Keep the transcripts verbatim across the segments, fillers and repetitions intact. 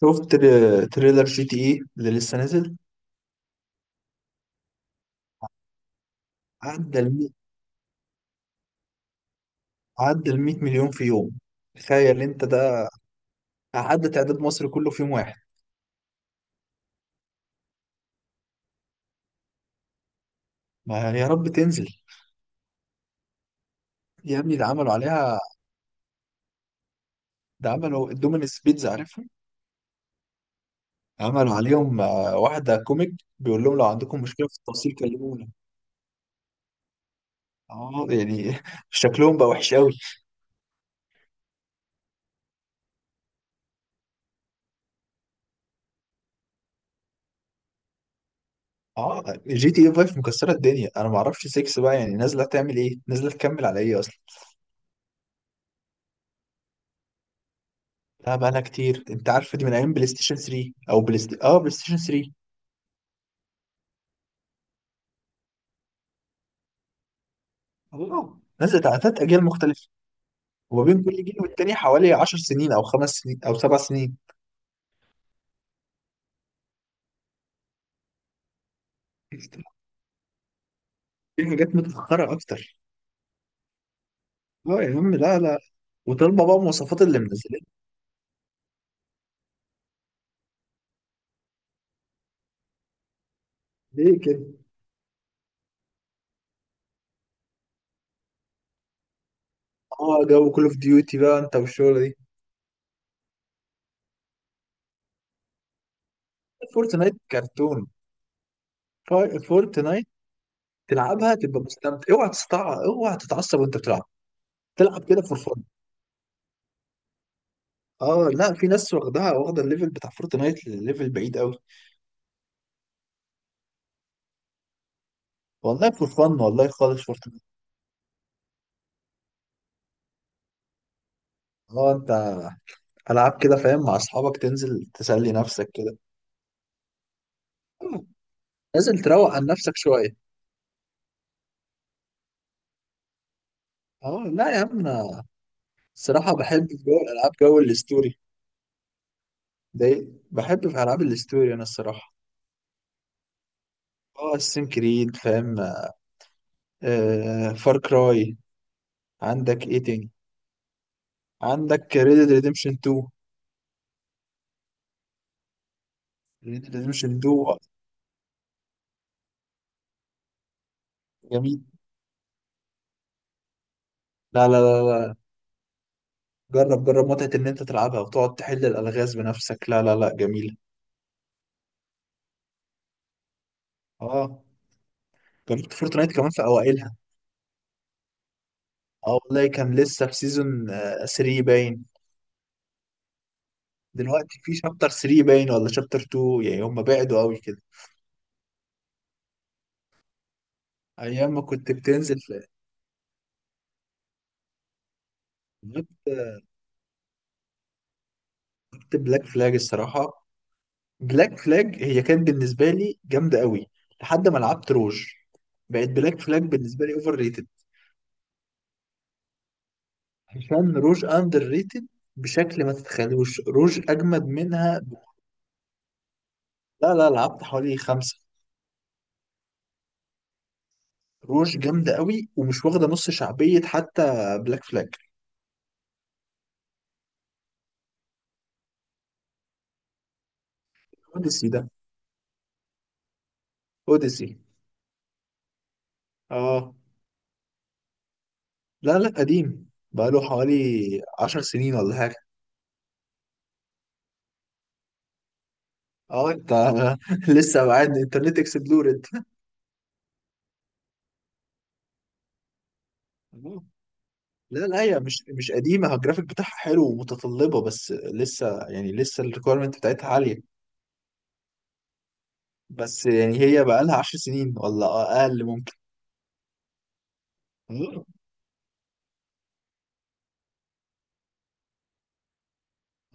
شفت تر- تريلر جي تي ايه اللي لسه نازل. عدى ال عدى ال 100 مليون في يوم. تخيل انت ده، عدى تعداد مصر كله في يوم واحد. ما يا رب تنزل. يا ابني ده عملوا عليها. ده عملوا الدومينس بيتزا، عارفها؟ عملوا عليهم آه، واحدة كوميك، بيقول لهم لو عندكم مشكلة في التوصيل كلمونا. اه يعني شكلهم بقى وحش قوي. اه جي تي اي خمسة مكسرة الدنيا، انا ما اعرفش ستة بقى يعني نازلة تعمل ايه، نازلة تكمل على ايه اصلا. لا بقالها كتير، انت عارف دي من ايام بلاي ستيشن تلاتة، او بلاي ست... اه بلاي ستيشن تلاتة. اه نزلت على ثلاث اجيال مختلفه، وبين كل جيل والتاني حوالي عشر سنين او خمس سنين او سبع سنين. في حاجات متاخره اكتر. اه يا عم، لا لا. وطالبه بقى مواصفات اللي منزلين. ليه كده؟ اه جو كول اوف ديوتي بقى انت والشغله دي. فورتنايت كرتون. فا- فورتنايت. تلعبها تبقى مستمتع، اوعى تستع اوعى تتعصب وانت بتلعب. تلعب كده فور فن. اه لا، في ناس واخدها واخده الليفل بتاع فورتنايت لليفل بعيد قوي. والله فور فن والله خالص فورتنايت. اه انت، العاب كده فاهم، مع اصحابك تنزل تسلي نفسك كده. آه، نازل تروق عن نفسك شويه. اه لا يا عم انا. الصراحه بحب في جو الالعاب، جو الستوري. ده بحب في العاب الستوري انا الصراحه. اه السين كريد فاهم. آه فار كراي. عندك ايه تاني؟ عندك ريد ديد ريديمشن تو. ريد ديد ريديمشن اتنين. جميل. لا لا لا لا، جرب، جرب متعه ان انت تلعبها وتقعد تحل الالغاز بنفسك. لا لا لا، جميله. اه جربت فورتنايت كمان في اوائلها. اه والله كان لسه في سيزون تلاتة باين. دلوقتي في شابتر ثري باين ولا شابتر تو، يعني هم بعدوا قوي كده. ايام ما كنت بتنزل في... كنت بلاك فلاج الصراحه. بلاك فلاج هي كانت بالنسبه لي جامده قوي لحد ما لعبت روج. بقت بلاك فلاج بالنسبه لي اوفر ريتد، عشان روج اندر ريتد بشكل ما تتخيلوش. روج اجمد منها ب- لا لا، لعبت حوالي خمسه. روج جامده قوي ومش واخده نص شعبيه حتى بلاك فلاج. اوديسي ده. اوديسي. اه. لا لا، قديم بقاله حوالي عشر سنين ولا حاجة. اه انت لسه بعد انترنت اكسبلور انت. آه. لا لا، هي مش مش قديمة، هو الجرافيك بتاعها حلو ومتطلبة، بس لسه يعني لسه الريكويرمنت بتاعتها عالية. بس يعني هي بقالها عشر سنين ولا أقل ممكن. آه.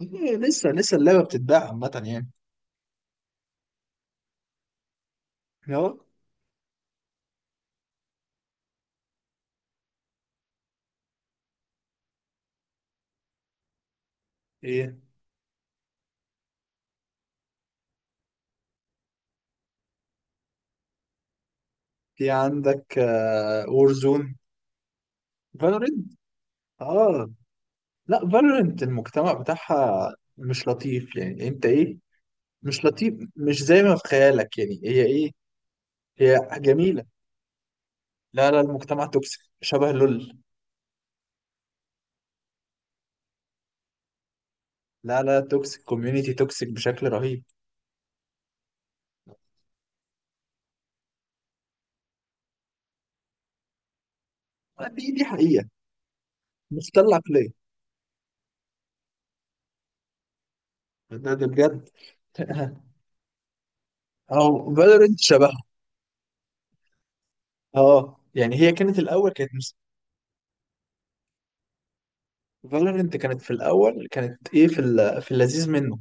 آه، لسه لسه اللعبة بتتباع عامة يعني. اه. ايه؟ في عندك وورزون. فالورنت. اه Warzone. Valorant. آه، لا فالورنت المجتمع بتاعها مش لطيف يعني، انت ايه؟ مش لطيف، مش زي ما في خيالك يعني، هي ايه؟ هي جميلة. لا لا، المجتمع توكسيك شبه لول. لا لا، توكسيك كوميونيتي توكسيك بشكل رهيب. دي دي حقيقة. مختل العقلية. ده ده بجد. اه فالورنت شبهها. اه يعني هي كانت الاول كانت. فالورنت كانت في الاول كانت ايه، في ال- في اللذيذ منه،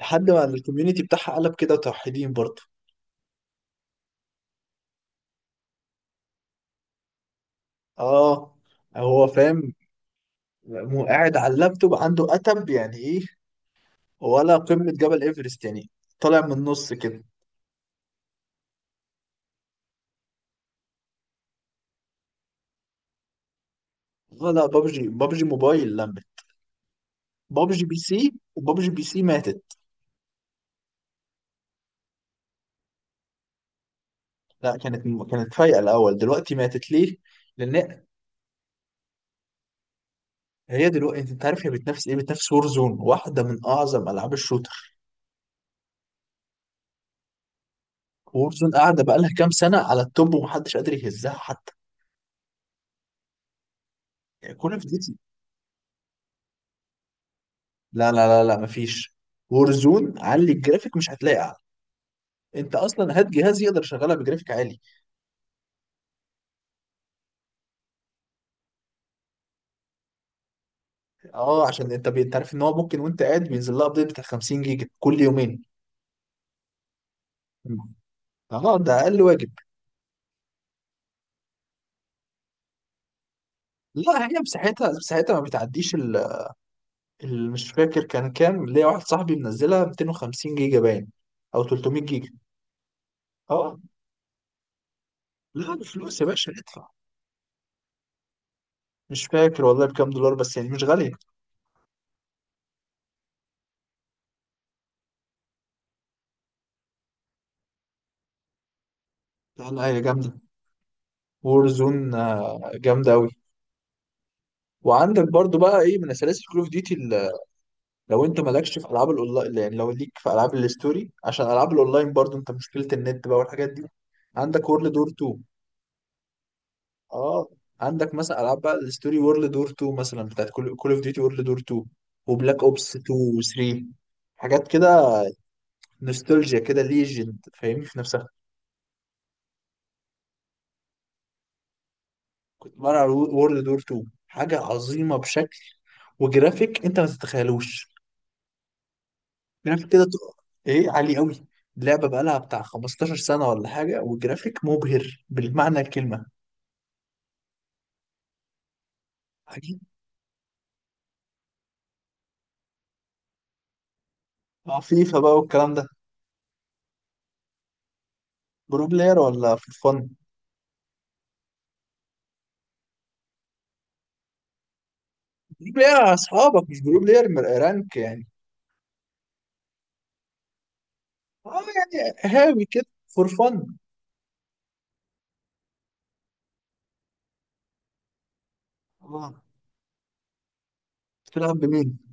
لحد ما الكوميونيتي بتاعها قلب كده توحيدين برضه. اه. هو فاهم. مو قاعد على اللابتوب عنده اتب يعني ايه؟ ولا قمة جبل ايفرست يعني. طالع من النص كده. ولا بابجي، بابجي موبايل لمت. بابجي بي سي، وبابجي بي سي ماتت. لا كانت كانت فايقة الأول، دلوقتي ماتت ليه؟ لأن هي دلوقتي أنت عارف هي بتنافس إيه؟ بتنافس زون، واحدة من أعظم ألعاب الشوتر. زون قاعدة بقالها كام سنة على التوب ومحدش قادر يهزها حتى. يعني كول أوف ديوتي. لا لا لا لا، مفيش. زون علي الجرافيك مش هتلاقي أعلى. أنت أصلا هات جهاز يقدر يشغلها بجرافيك عالي. اه عشان انت بي- انت عارف ان هو ممكن وانت قاعد بينزل لها ابديت بتاع خمسين جيجا كل يومين. مم. اه ده اقل واجب. لا هي مساحتها، مساحتها ما بتعديش ال ال-، مش فاكر كان كام، ليا واحد صاحبي منزلها ميتين وخمسين جيجا باين، او تلتمية جيجا. اه. لا بفلوس يا باشا، ادفع. مش فاكر والله بكام دولار، بس يعني مش غالية. لا لا هي جامدة. وور زون جامدة أوي. وعندك برضو بقى إيه من سلاسل كول أوف ديوتي، لو انت مالكش في العاب الاونلاين يعني، لو ليك في العاب الستوري، عشان العاب الاونلاين برضو انت مشكله النت بقى والحاجات دي. عندك وورلد دور اتنين. اه. عندك مثلا العاب بقى الستوري، وورلد دور اتنين مثلا بتاعت كول اوف ديوتي، وورلد دور اتنين، وبلاك اوبس تو و3، حاجات كده. نوستالجيا كده، ليجند، فاهمني في نفسها. كنت بلعب وورلد دور تو، حاجه عظيمه بشكل. وجرافيك انت ما تتخيلوش. جرافيك كده تق- ايه عالي قوي. اللعبه بقى لها بتاع خمستاشر سنه ولا حاجه، والجرافيك مبهر بالمعنى الكلمه. عجيب. اه فيفا بقى والكلام ده. برو بلاير ولا فور فن؟ برو بلاير على اصحابك مش برو بلاير من رانك يعني. اه يعني هاوي كده، فور فن. اه. بتلعب بمين؟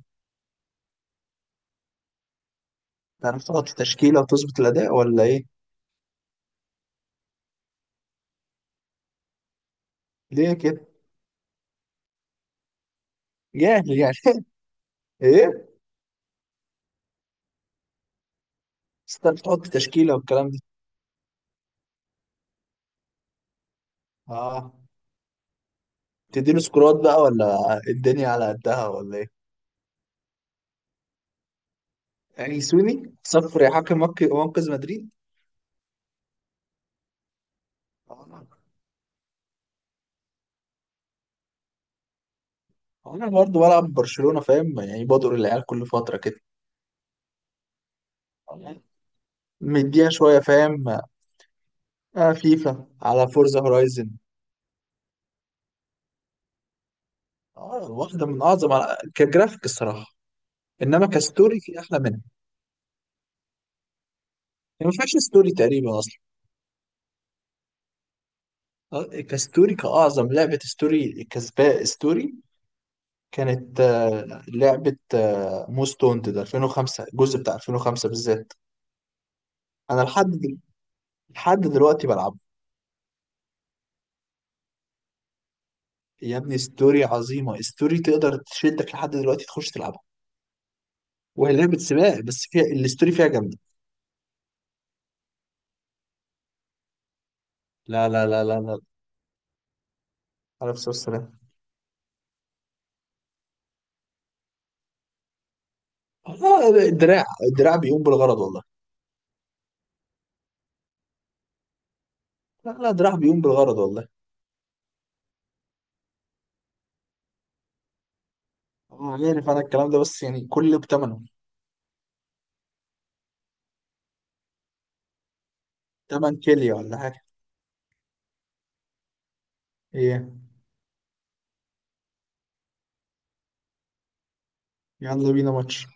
تعرف تحط تشكيله وتظبط الاداء ولا ايه؟ ليه كده؟ جاهل يعني. ايه؟ بس تعرف تحط تشكيله والكلام ده. اه. تديله سكورات بقى ولا الدنيا على قدها ولا إيه؟ أليسوني صفر يا حكم، منقذ منقذ مدريد. آه. انا برضه بلعب برشلونة فاهم، يعني بدور العيال كل فترة كده. آه. مديها شوية فاهم. آه فيفا على فورزا هورايزن. اه واحدة من أعظم على... كجرافيك الصراحة. إنما كستوري في أحلى منها. يعني ما فيهاش ستوري تقريبا أصلا. آه، كستوري كأعظم لعبة ستوري كسباء ستوري، كانت آه، لعبة آه، موست وانتد الفين وخمسة، الجزء بتاع الفين وخمسة بالذات. أنا لحد دل- لحد دلوقتي بلعبه. يا ابني ستوري عظيمه، ستوري تقدر تشدك لحد دلوقتي تخش تلعبها، وهي لعبه سباق بس فيها الستوري فيها جامده. لا لا لا لا لا. عليه الصلاه والسلام. آه، الدراع، الدراع بيقوم بالغرض والله. لا لا دراع بيقوم بالغرض والله. آه، عارف انا الكلام ده، بس يعني كله بتمنه. تمن كيليا ولا حاجه. ايه؟ يلا بينا ماتش.